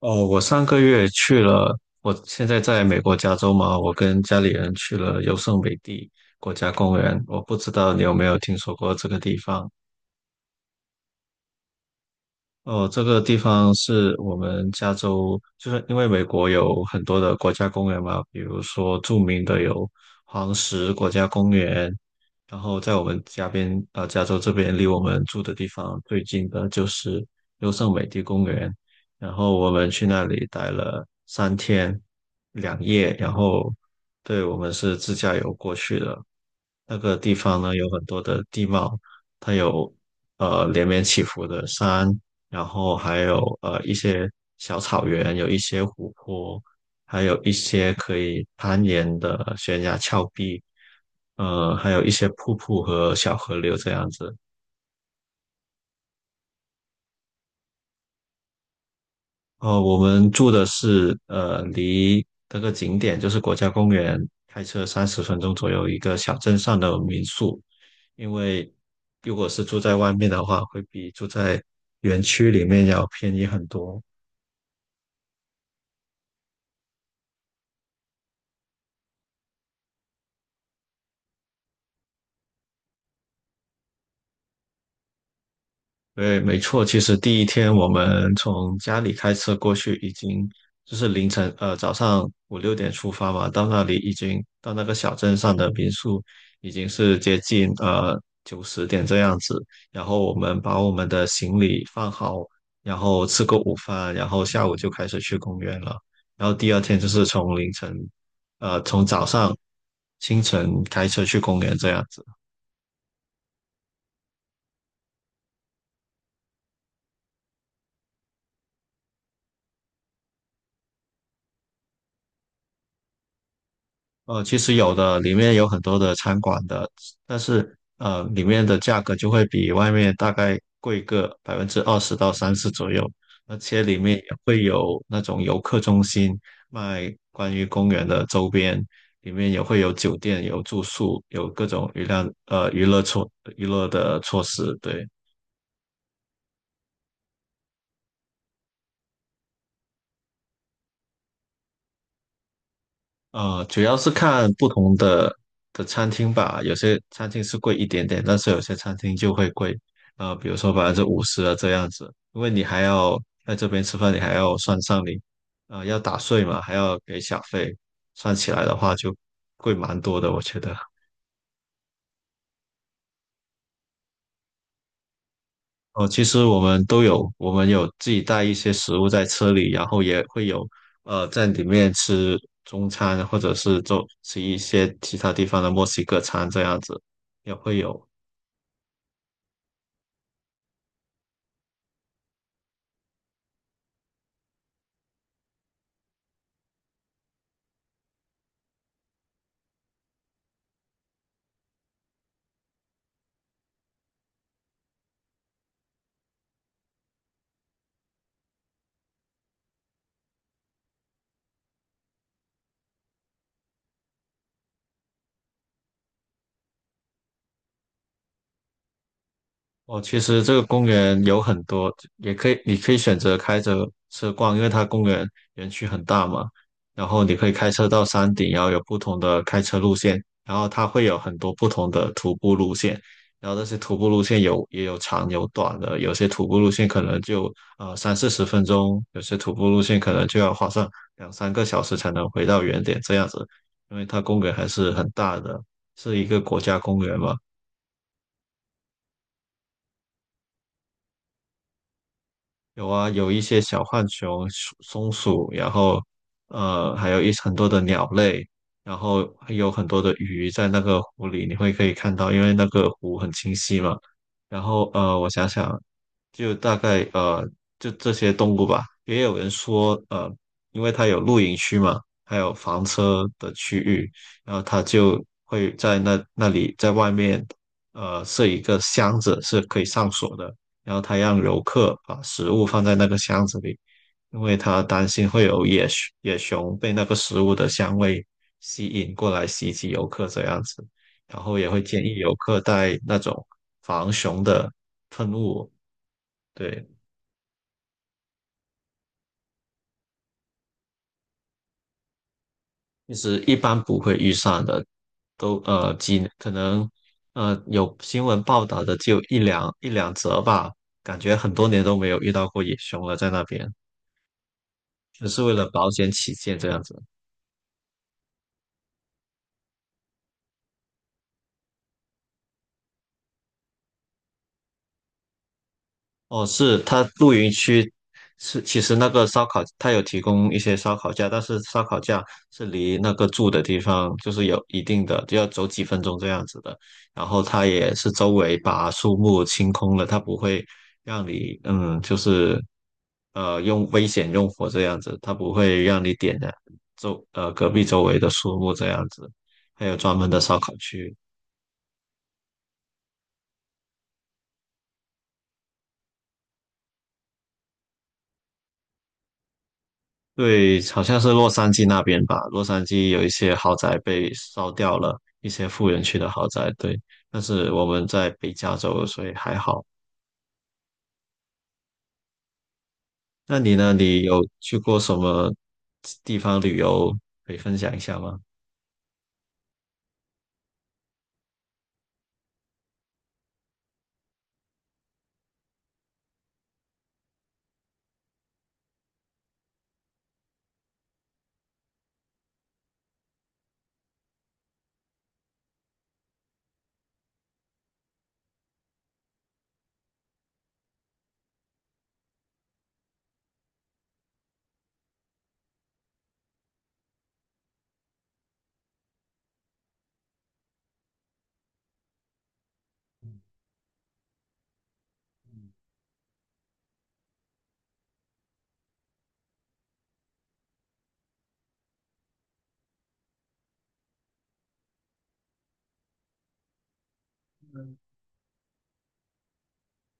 哦，我上个月去了，我现在在美国加州嘛，我跟家里人去了优胜美地国家公园。我不知道你有没有听说过这个地方？哦，这个地方是我们加州，就是因为美国有很多的国家公园嘛，比如说著名的有黄石国家公园，然后在我们家边，加州这边离我们住的地方最近的就是优胜美地公园，然后我们去那里待了3天2夜，然后对我们是自驾游过去的，那个地方呢有很多的地貌，它有连绵起伏的山。然后还有一些小草原，有一些湖泊，还有一些可以攀岩的悬崖峭壁，还有一些瀑布和小河流这样子。哦，我们住的是离这个景点就是国家公园开车30分钟左右一个小镇上的民宿，因为如果是住在外面的话，会比住在园区里面要便宜很多。对，没错。其实第一天我们从家里开车过去，已经就是凌晨，早上五六点出发嘛，到那里已经到那个小镇上的民宿，已经是接近九十点这样子。然后我们把我们的行李放好，然后吃个午饭，然后下午就开始去公园了。然后第二天就是从凌晨，从早上清晨开车去公园这样子。其实有的，里面有很多的餐馆的，但是里面的价格就会比外面大概贵个20%到30%左右，而且里面也会有那种游客中心卖关于公园的周边，里面也会有酒店、有住宿、有各种娱乐的措施，对。主要是看不同的餐厅吧，有些餐厅是贵一点点，但是有些餐厅就会贵，比如说50%啊这样子，因为你还要在这边吃饭，你还要算上你，要打税嘛，还要给小费，算起来的话就贵蛮多的，我觉得。哦、其实我们都有，我们有自己带一些食物在车里，然后也会有，在里面吃中餐，或者是吃一些其他地方的墨西哥餐这样子，也会有。哦，其实这个公园有很多，也可以，你可以选择开着车逛，因为它公园园区很大嘛。然后你可以开车到山顶，然后有不同的开车路线，然后它会有很多不同的徒步路线。然后那些徒步路线也有长有短的，有些徒步路线可能就三四十分钟，有些徒步路线可能就要花上两三个小时才能回到原点这样子，因为它公园还是很大的，是一个国家公园嘛。有啊，有一些小浣熊、松鼠，然后还有很多的鸟类，然后还有很多的鱼在那个湖里，你可以看到，因为那个湖很清晰嘛。然后我想想，就大概就这些动物吧。也有人说，因为它有露营区嘛，还有房车的区域，然后它就会在那里在外面，设一个箱子是可以上锁的，然后它让游客把食物放在那个箱子里，因为它担心会有野熊被那个食物的香味吸引过来袭击游客这样子，然后也会建议游客带那种防熊的喷雾。对，其实一般不会遇上的，都呃几可能呃有新闻报道的就一两则吧，感觉很多年都没有遇到过野熊了，在那边只是为了保险起见这样子。哦，是它露营区是其实那个烧烤它有提供一些烧烤架，但是烧烤架是离那个住的地方就是有一定的，就要走几分钟这样子的。然后它也是周围把树木清空了，它不会让你就是用危险用火这样子，它不会让你点燃周呃隔壁周围的树木这样子，还有专门的烧烤区。对，好像是洛杉矶那边吧，洛杉矶有一些豪宅被烧掉了，一些富人区的豪宅。对，但是我们在北加州，所以还好。那你呢？你有去过什么地方旅游可以分享一下吗？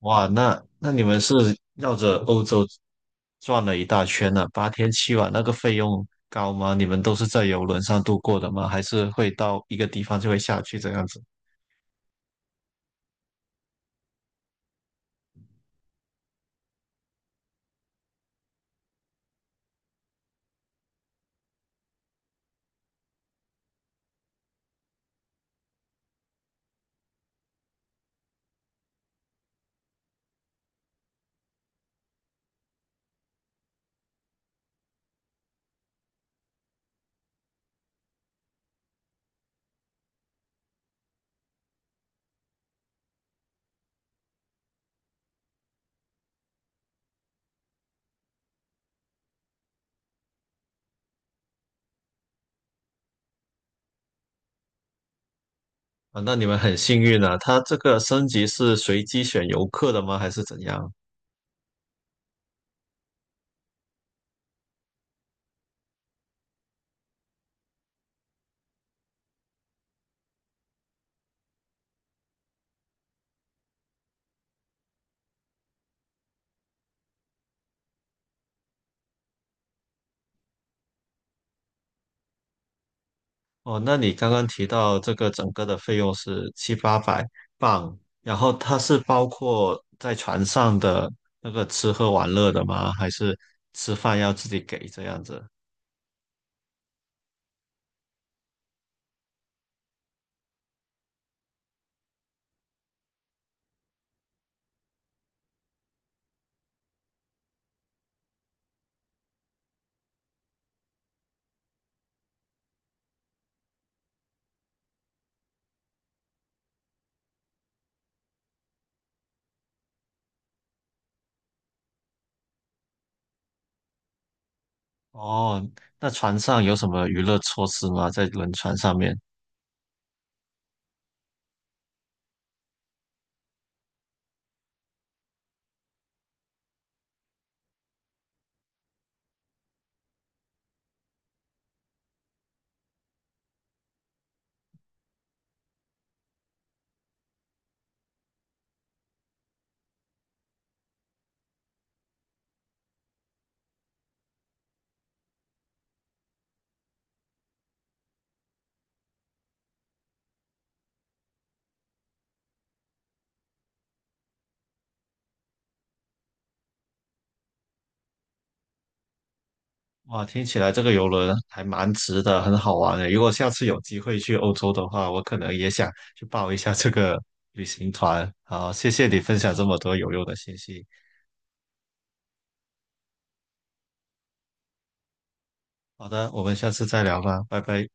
哇，那你们是绕着欧洲转了一大圈呢，8天7晚，那个费用高吗？你们都是在游轮上度过的吗？还是会到一个地方就会下去这样子？啊，那你们很幸运啊，它这个升级是随机选游客的吗？还是怎样？哦，那你刚刚提到这个整个的费用是七八百镑，然后它是包括在船上的那个吃喝玩乐的吗？还是吃饭要自己给这样子？哦，那船上有什么娱乐措施吗？在轮船上面？哇，听起来这个游轮还蛮值的，很好玩的。如果下次有机会去欧洲的话，我可能也想去报一下这个旅行团。好，谢谢你分享这么多有用的信息。好的，我们下次再聊吧，拜拜。